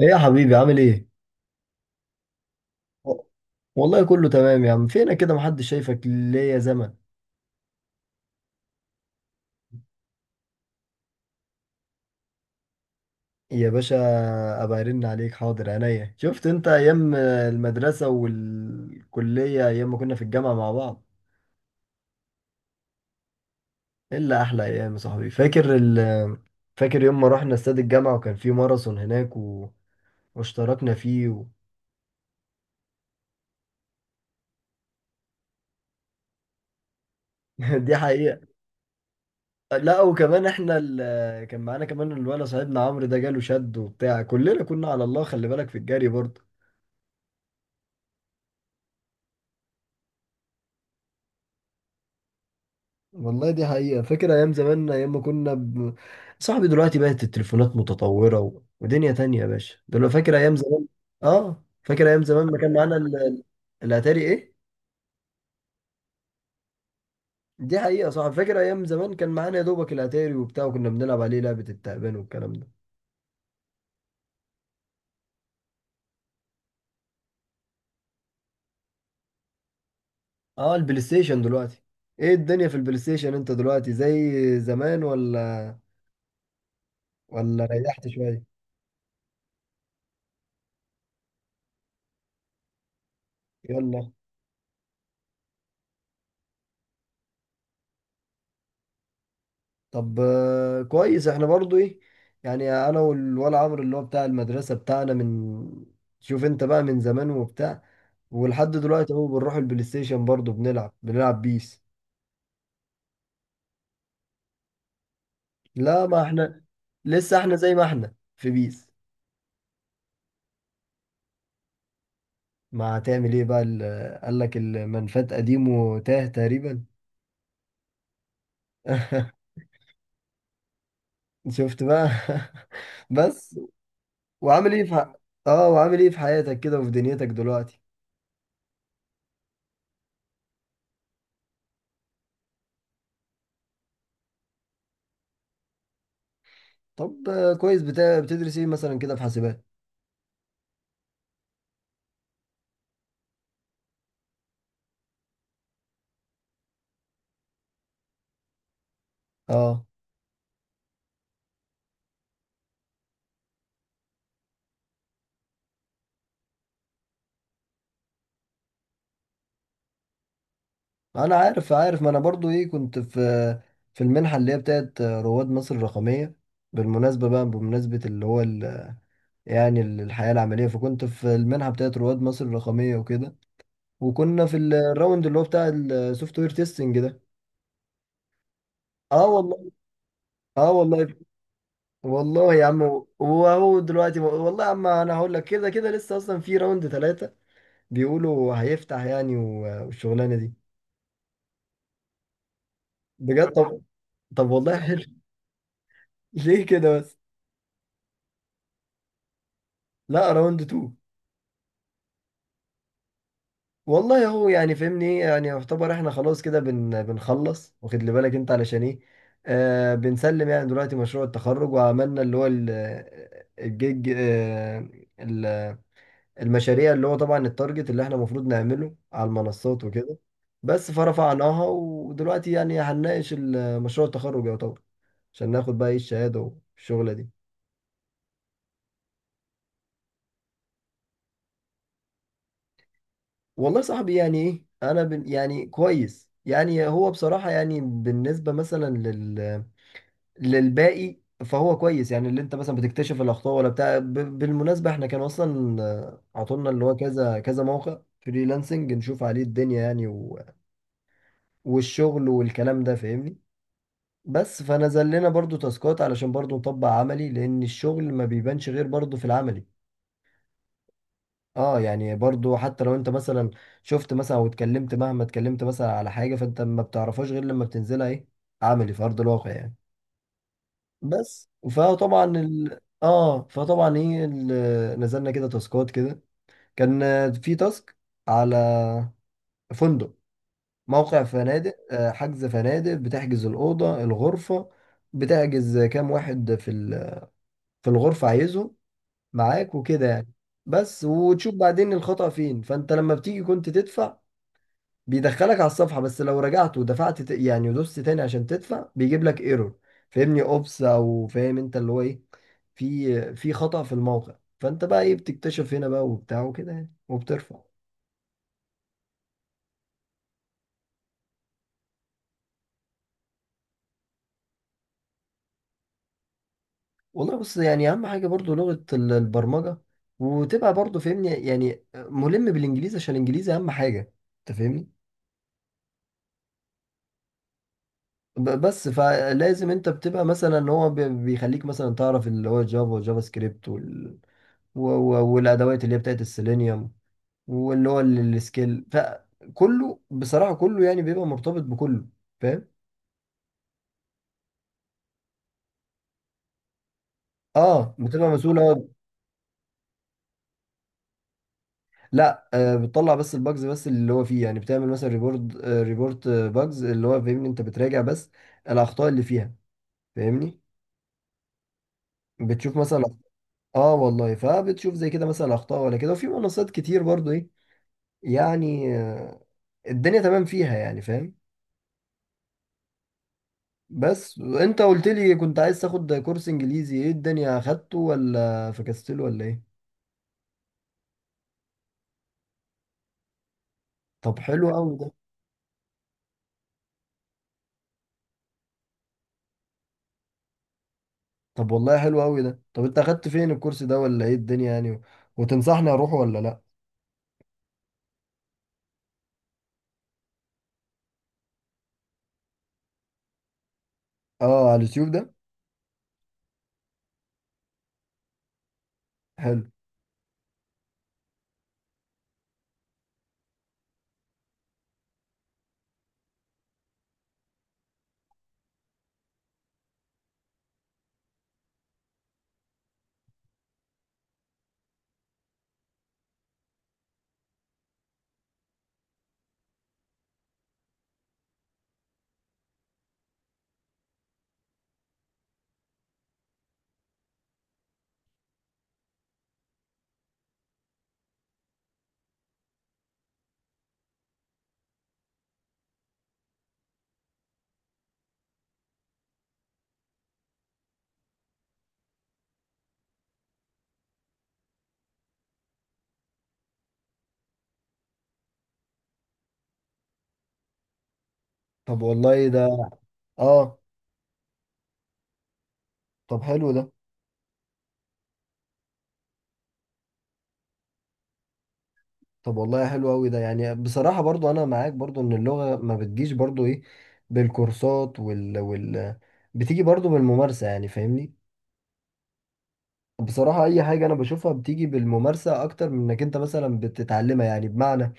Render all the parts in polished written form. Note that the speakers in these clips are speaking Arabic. ايه يا حبيبي، عامل ايه؟ و- والله كله تمام يا عم، فينا كده محدش شايفك ليا زمن. يا باشا، ابقى ارن عليك، حاضر عينيا. شفت انت ايام المدرسة والكلية، ايام ما كنا في الجامعة مع بعض. الا احلى ايام يا صاحبي. فاكر يوم ما رحنا استاد الجامعة وكان في ماراثون هناك واشتركنا فيه دي حقيقة. لا وكمان احنا كان معانا كمان الولد صاحبنا عمرو، ده جاله شد وبتاع، كلنا كنا على الله، خلي بالك في الجري برضه. والله دي حقيقة. فاكر أيام زمان، أيام ما كنا صاحبي دلوقتي بقت التليفونات متطورة ودنيا تانية يا باشا، دلوقتي فاكر أيام زمان. فاكر أيام زمان ما كان معانا الأتاري إيه؟ دي حقيقة، صح. فاكر أيام زمان كان معانا يا دوبك الأتاري وبتاع، وكنا بنلعب عليه لعبة التعبان والكلام ده. البلاي ستيشن دلوقتي، إيه الدنيا في البلاي ستيشن؟ أنت دلوقتي زي زمان ولا ريحت شوية؟ يلا. طب كويس. احنا برضو ايه، يعني انا والولا عمرو اللي هو بتاع المدرسة بتاعنا من... شوف انت بقى من زمان وبتاع. ولحد دلوقتي اهو بنروح البلاي ستيشن برضو، بنلعب بيس. لا، ما احنا لسه احنا زي ما احنا في بيس. ما هتعمل ايه بقى، قال لك المنفات قديم وتاه تقريبا. شفت بقى. بس. وعامل ايه في ح- اه وعامل ايه في حياتك كده وفي دنيتك دلوقتي؟ طب كويس. بتدرس ايه مثلا كده في حاسبات؟ اه انا عارف، ما انا برضو ايه كنت في المنحه اللي هي بتاعت رواد مصر الرقميه. بالمناسبه بقى، بمناسبه اللي هو يعني الحياه العمليه، فكنت في المنحه بتاعت رواد مصر الرقميه وكده. وكنا في الراوند اللي هو بتاع السوفت وير تيستنج ده. اه والله. اه والله. والله يا عم. وهو دلوقتي والله يا عم، انا هقول لك، كده كده لسه اصلا في راوند ثلاثه. بيقولوا هيفتح يعني، والشغلانه دي. بجد. طب. طب والله حلو. ليه كده بس؟ لا، راوند 2. والله هو يعني فهمني ايه يعني، يعتبر احنا خلاص كده بنخلص، واخد لي بالك انت علشان ايه. بنسلم يعني دلوقتي مشروع التخرج، وعملنا اللي هو الجيج. ال- المشاريع اللي هو طبعا التارجت اللي احنا المفروض نعمله على المنصات وكده. بس فرفعناها، ودلوقتي يعني هنناقش مشروع التخرج يعتبر، عشان ناخد بقى ايه الشهادة والشغلة دي. والله صاحبي يعني ايه، انا بن يعني كويس يعني هو بصراحة، يعني بالنسبة مثلا للباقي. فهو كويس يعني، اللي انت مثلا بتكتشف الاخطاء ولا بتاع بالمناسبه احنا كان اصلا عطولنا اللي هو كذا كذا موقع فريلانسنج نشوف عليه الدنيا يعني والشغل والكلام ده فاهمني. بس فنزل لنا برضو تاسكات علشان برضو نطبق عملي، لان الشغل ما بيبانش غير برضو في العملي. اه يعني برضو حتى لو انت مثلا شفت مثلا او اتكلمت، مهما اتكلمت مثلا على حاجه، فانت ما بتعرفهاش غير لما بتنزلها ايه، عملي في ارض الواقع يعني. بس فطبعا ايه نزلنا كده تاسكات كده، كان في تاسك على فندق، موقع فنادق، حجز فنادق، بتحجز الأوضة الغرفة، بتحجز كام واحد في في الغرفة عايزه معاك وكده يعني. بس وتشوف بعدين الخطأ فين، فانت لما بتيجي كنت تدفع، بيدخلك على الصفحة، بس لو رجعت ودفعت يعني ودوست تاني عشان تدفع بيجيب لك ايرور. فاهمني اوبس، او فاهم انت اللي هو ايه، في خطأ في الموقع، فانت بقى ايه بتكتشف هنا بقى وبتاع وكده يعني، وبترفع. والله بص يعني اهم حاجة برضو لغة البرمجة، وتبقى برضو فاهمني يعني ملم بالانجليزي، عشان الانجليزي اهم حاجة، انت فاهمني. بس فلازم انت بتبقى مثلا، هو بيخليك مثلا تعرف اللي هو جافا وجافا سكريبت والادوات اللي هي بتاعت السيلينيوم، واللي هو السكيل، فكله بصراحة كله يعني بيبقى مرتبط بكله، فاهم. اه بتبقى مسؤولة. لا بتطلع بس الباجز، بس اللي هو فيه يعني بتعمل مثلا ريبورت، ريبورت باجز اللي هو فاهمني، انت بتراجع بس الاخطاء اللي فيها، فاهمني. بتشوف مثلا. اه والله، فبتشوف زي كده مثلا اخطاء ولا كده، وفي منصات كتير برضو ايه يعني. الدنيا تمام فيها يعني، فاهم. بس انت قلت لي كنت عايز تاخد كورس انجليزي، ايه الدنيا، اخدته ولا فكستله ولا ايه؟ طب حلو قوي ده. طب والله حلو قوي ده. طب انت اخدت فين الكورس ده ولا ايه الدنيا يعني وتنصحني اروح ولا لا؟ اه على اليوتيوب ده. حلو. طب والله ده. اه. طب حلو ده. طب والله حلو قوي ده. يعني بصراحة برضو، انا معاك برضو ان اللغة ما بتجيش برضو ايه بالكورسات وال بتيجي برضو بالممارسة يعني، فاهمني. بصراحة اي حاجة انا بشوفها بتيجي بالممارسة اكتر من انك انت مثلا بتتعلمها، يعني بمعنى،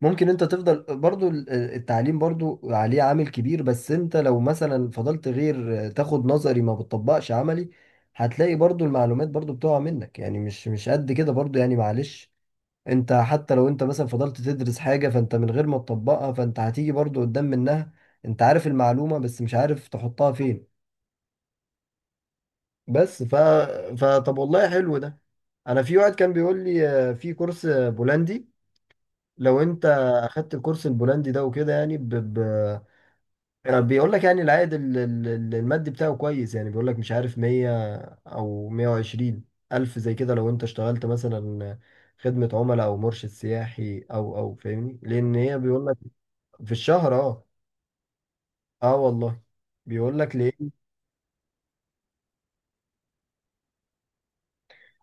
ممكن انت تفضل برضو التعليم برضو عليه عامل كبير، بس انت لو مثلا فضلت غير تاخد نظري، ما بتطبقش عملي، هتلاقي برضو المعلومات برضو بتقع منك يعني، مش قد كده برضو يعني، معلش. انت حتى لو انت مثلا فضلت تدرس حاجة فانت من غير ما تطبقها، فانت هتيجي برضو قدام منها، انت عارف المعلومة بس مش عارف تحطها فين. بس ف... فطب والله حلو ده. انا في واحد كان بيقول لي، في كورس بولندي، لو انت اخدت الكورس البولندي ده وكده يعني يعني بيقول لك يعني العائد المادي بتاعه كويس، يعني بيقول لك مش عارف 100 او 120 الف زي كده، لو انت اشتغلت مثلا خدمة عملاء او مرشد سياحي او فاهمني، لان هي بيقول لك، في الشهر. اه. اه والله. بيقول لك ليه.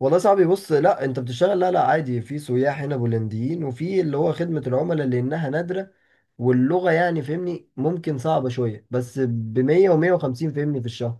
والله صعب، بص، لا انت بتشتغل. لا لا، عادي في سياح هنا بولنديين، وفي اللي هو خدمة العملاء لانها نادرة، واللغة يعني فاهمني ممكن صعبة شوية، بس ب 100 و 150 فاهمني في الشهر.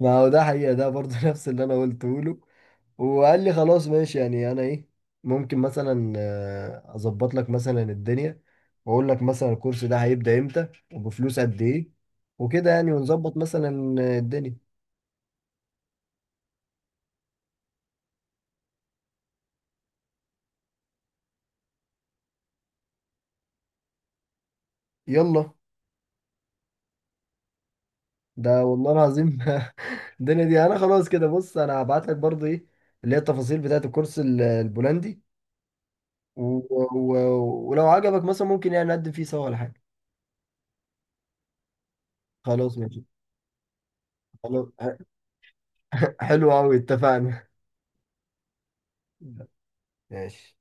ما هو ده حقيقة ده برضه، نفس اللي أنا قلته له. وقال لي خلاص ماشي، يعني انا ايه، ممكن مثلا اظبط لك مثلا الدنيا، واقول لك مثلا الكورس ده هيبدأ امتى وبفلوس قد ايه، وكده يعني ونظبط مثلا الدنيا. يلا، ده والله العظيم. الدنيا دي انا خلاص كده، بص انا هبعت لك برضه ايه، اللي هي التفاصيل بتاعت الكورس البولندي، و... ولو عجبك مثلا ممكن يعني نقدم فيه سوا ولا حاجة. خلاص ماشي. خلاص. حلو قوي، اتفقنا. ماشي.